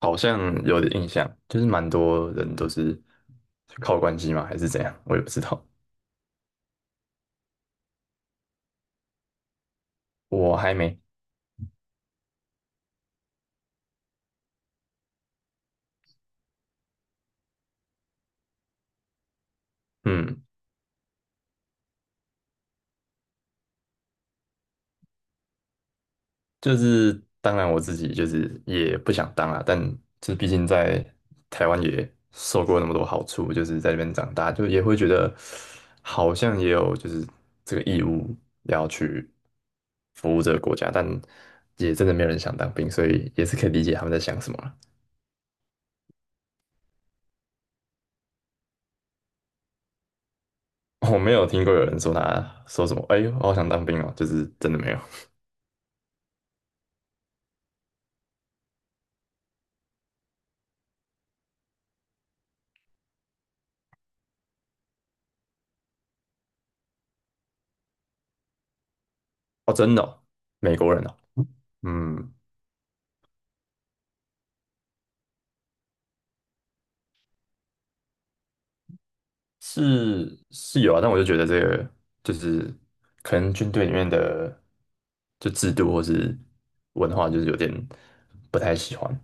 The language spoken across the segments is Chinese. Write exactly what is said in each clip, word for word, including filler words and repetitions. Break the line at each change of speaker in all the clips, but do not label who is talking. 好像有点印象，就是蛮多人都是靠关系嘛，还是怎样，我也不知道。我还没。嗯，就是当然我自己就是也不想当啊，但就是毕竟在台湾也受过那么多好处，就是在那边长大，就也会觉得好像也有就是这个义务要去服务这个国家，但也真的没有人想当兵，所以也是可以理解他们在想什么啦。 我没有听过有人说他说什么，哎呦，我好想当兵哦，就是真的没有。哦，真的哦？美国人哦？嗯，是是有啊，但我就觉得这个就是可能军队里面的就制度或是文化，就是有点不太喜欢。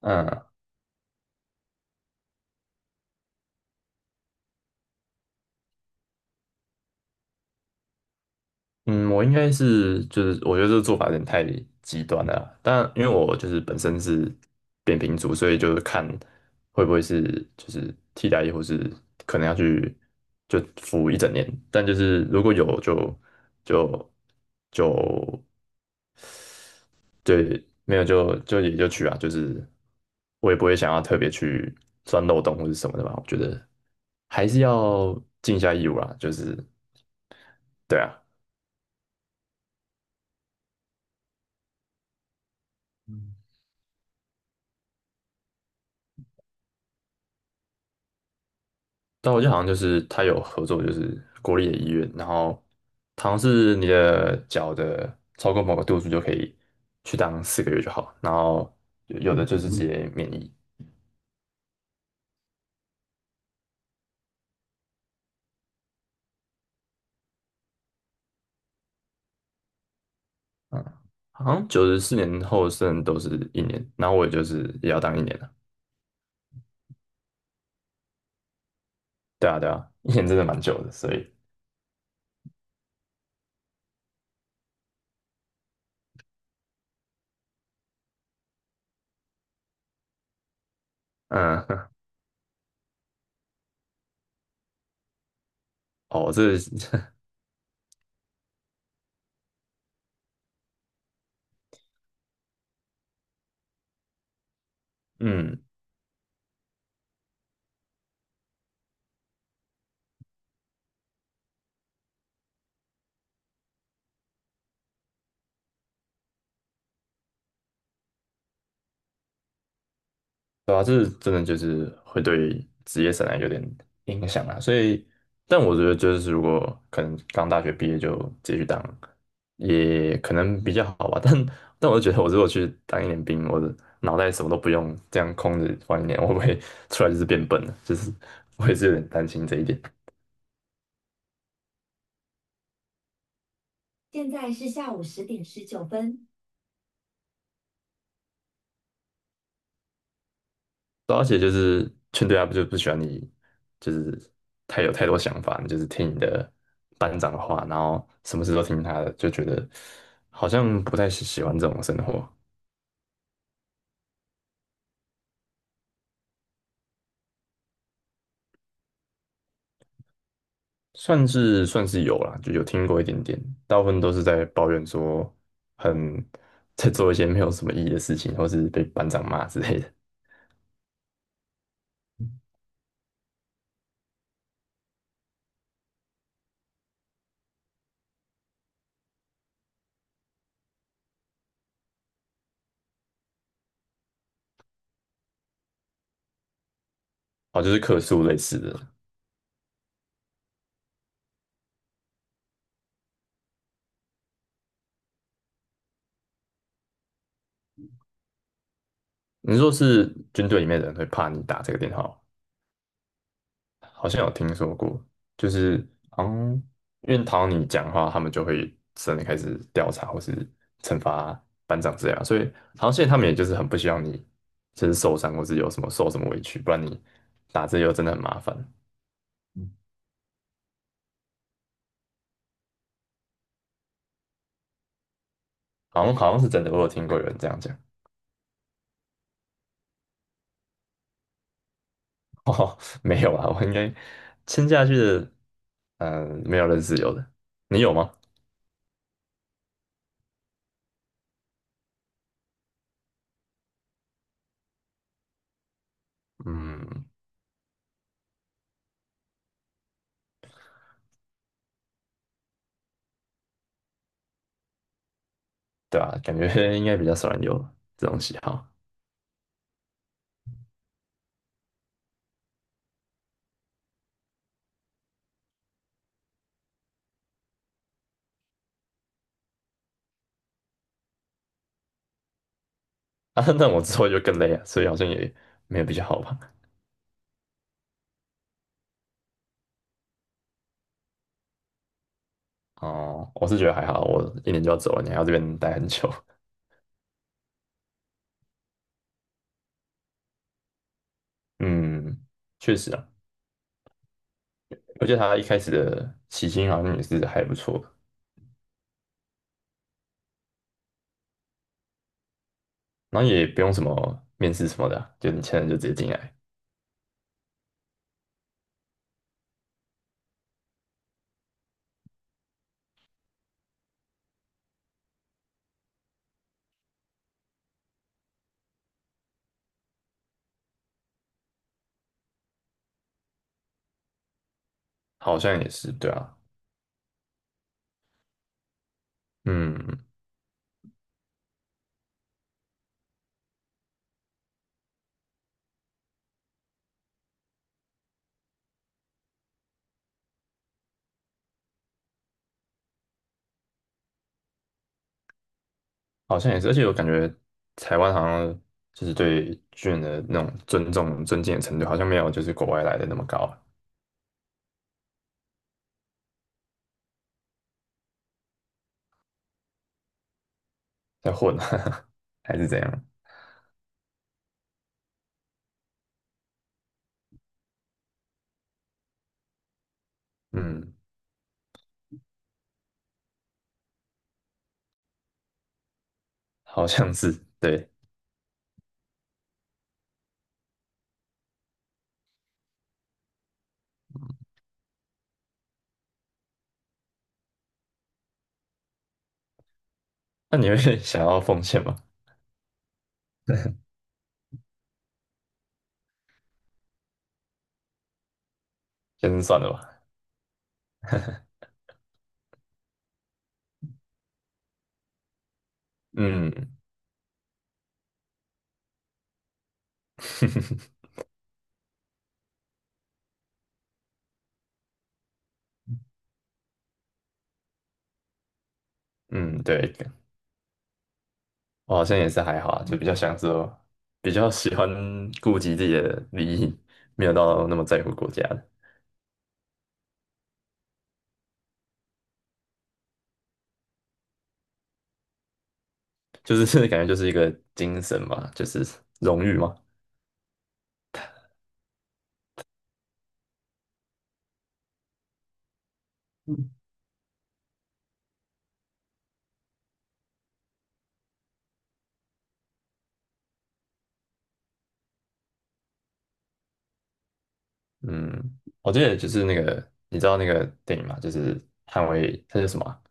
嗯。嗯，我应该是就是我觉得这个做法有点太极端了啦，但因为我就是本身是扁平足，所以就是看会不会是就是替代役，或是可能要去就服一整年，但就是如果有就就就对，没有就就也就去啊，就是我也不会想要特别去钻漏洞或者什么的吧，我觉得还是要尽一下义务啦，就是对啊。但我记得好像就是他有合作，就是国立的医院，然后它好像是你的脚的超过某个度数就可以去当四个月就好，然后有有的就是直接免疫。嗯，好像九十四年后剩都是一年，然后我也就是也要当一年了，对啊对啊，一年真的蛮久的，所以嗯，哦，这 嗯。对啊，这真的就是会对职业生涯有点影响啊。所以，但我觉得就是如果可能刚大学毕业就继续当，也可能比较好吧。但但我就觉得，我如果去当一年兵，我的脑袋什么都不用，这样空着放一年，我会不会出来就是变笨了？就是我也是有点担心这一点。现在是下午十点十九分。对，而且就是劝队他不就不喜欢你，就是太有太多想法，你就是听你的班长的话，然后什么事都听他的，就觉得好像不太喜喜欢这种生活。算是算是有啦，就有听过一点点，大部分都是在抱怨说很在做一些没有什么意义的事情，或是被班长骂之类的。哦，就是客诉类似的。你说是军队里面的人会怕你打这个电话吗？好像有听说过，就是嗯，因为讨你讲话，他们就会真的开始调查或是惩罚班长这样，所以好像现在他们也就是很不希望你就是受伤或是有什么受什么委屈，不然你打字又真的很麻烦。嗯，好像好像是真的，我有听过有人这样讲。哦，没有啊，我应该签下去的，嗯，没有认识有的，你有吗？嗯，对啊，感觉 应该比较少人有这种喜好。啊，那我之后就更累啊，所以好像也没有比较好吧。哦 我是觉得还好，我一年就要走了，你还要这边待很久。嗯，确实啊，而且他一开始的起薪好像也是还不错的，然后也不用什么面试什么的啊，就你签了就直接进来。好像也是，对啊。嗯，好像也是，而且我感觉台湾好像就是对军人的那种尊重、尊敬的程度，好像没有就是国外来的那么高啊。在混啊，还是怎样？嗯，好像是，对。那你会 想要奉献吗？先算了吧。嗯，嗯，对，我好像也是还好啊，就比较想说，比较喜欢顾及自己的利益，没有到那么在乎国家的，就是 感觉就是一个精神嘛，就是荣誉嘛。嗯，我记得就是那个，你知道那个电影嘛，就是捍卫，它叫什么啊？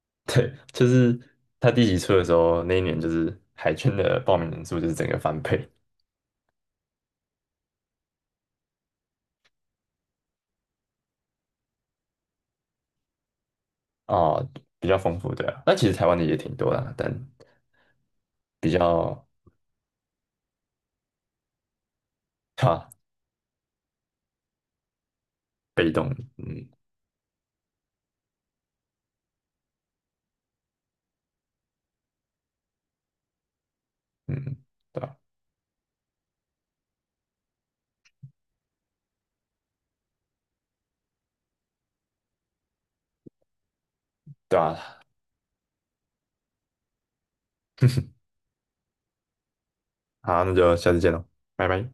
对，就是他第一集出的时候，那一年就是海军的报名人数就是整个翻倍，哦，比较丰富，对啊。那其实台湾的也挺多的啊，但比较哈，被动。嗯嗯，对吧？对啊。好，那就下次见喽，拜拜。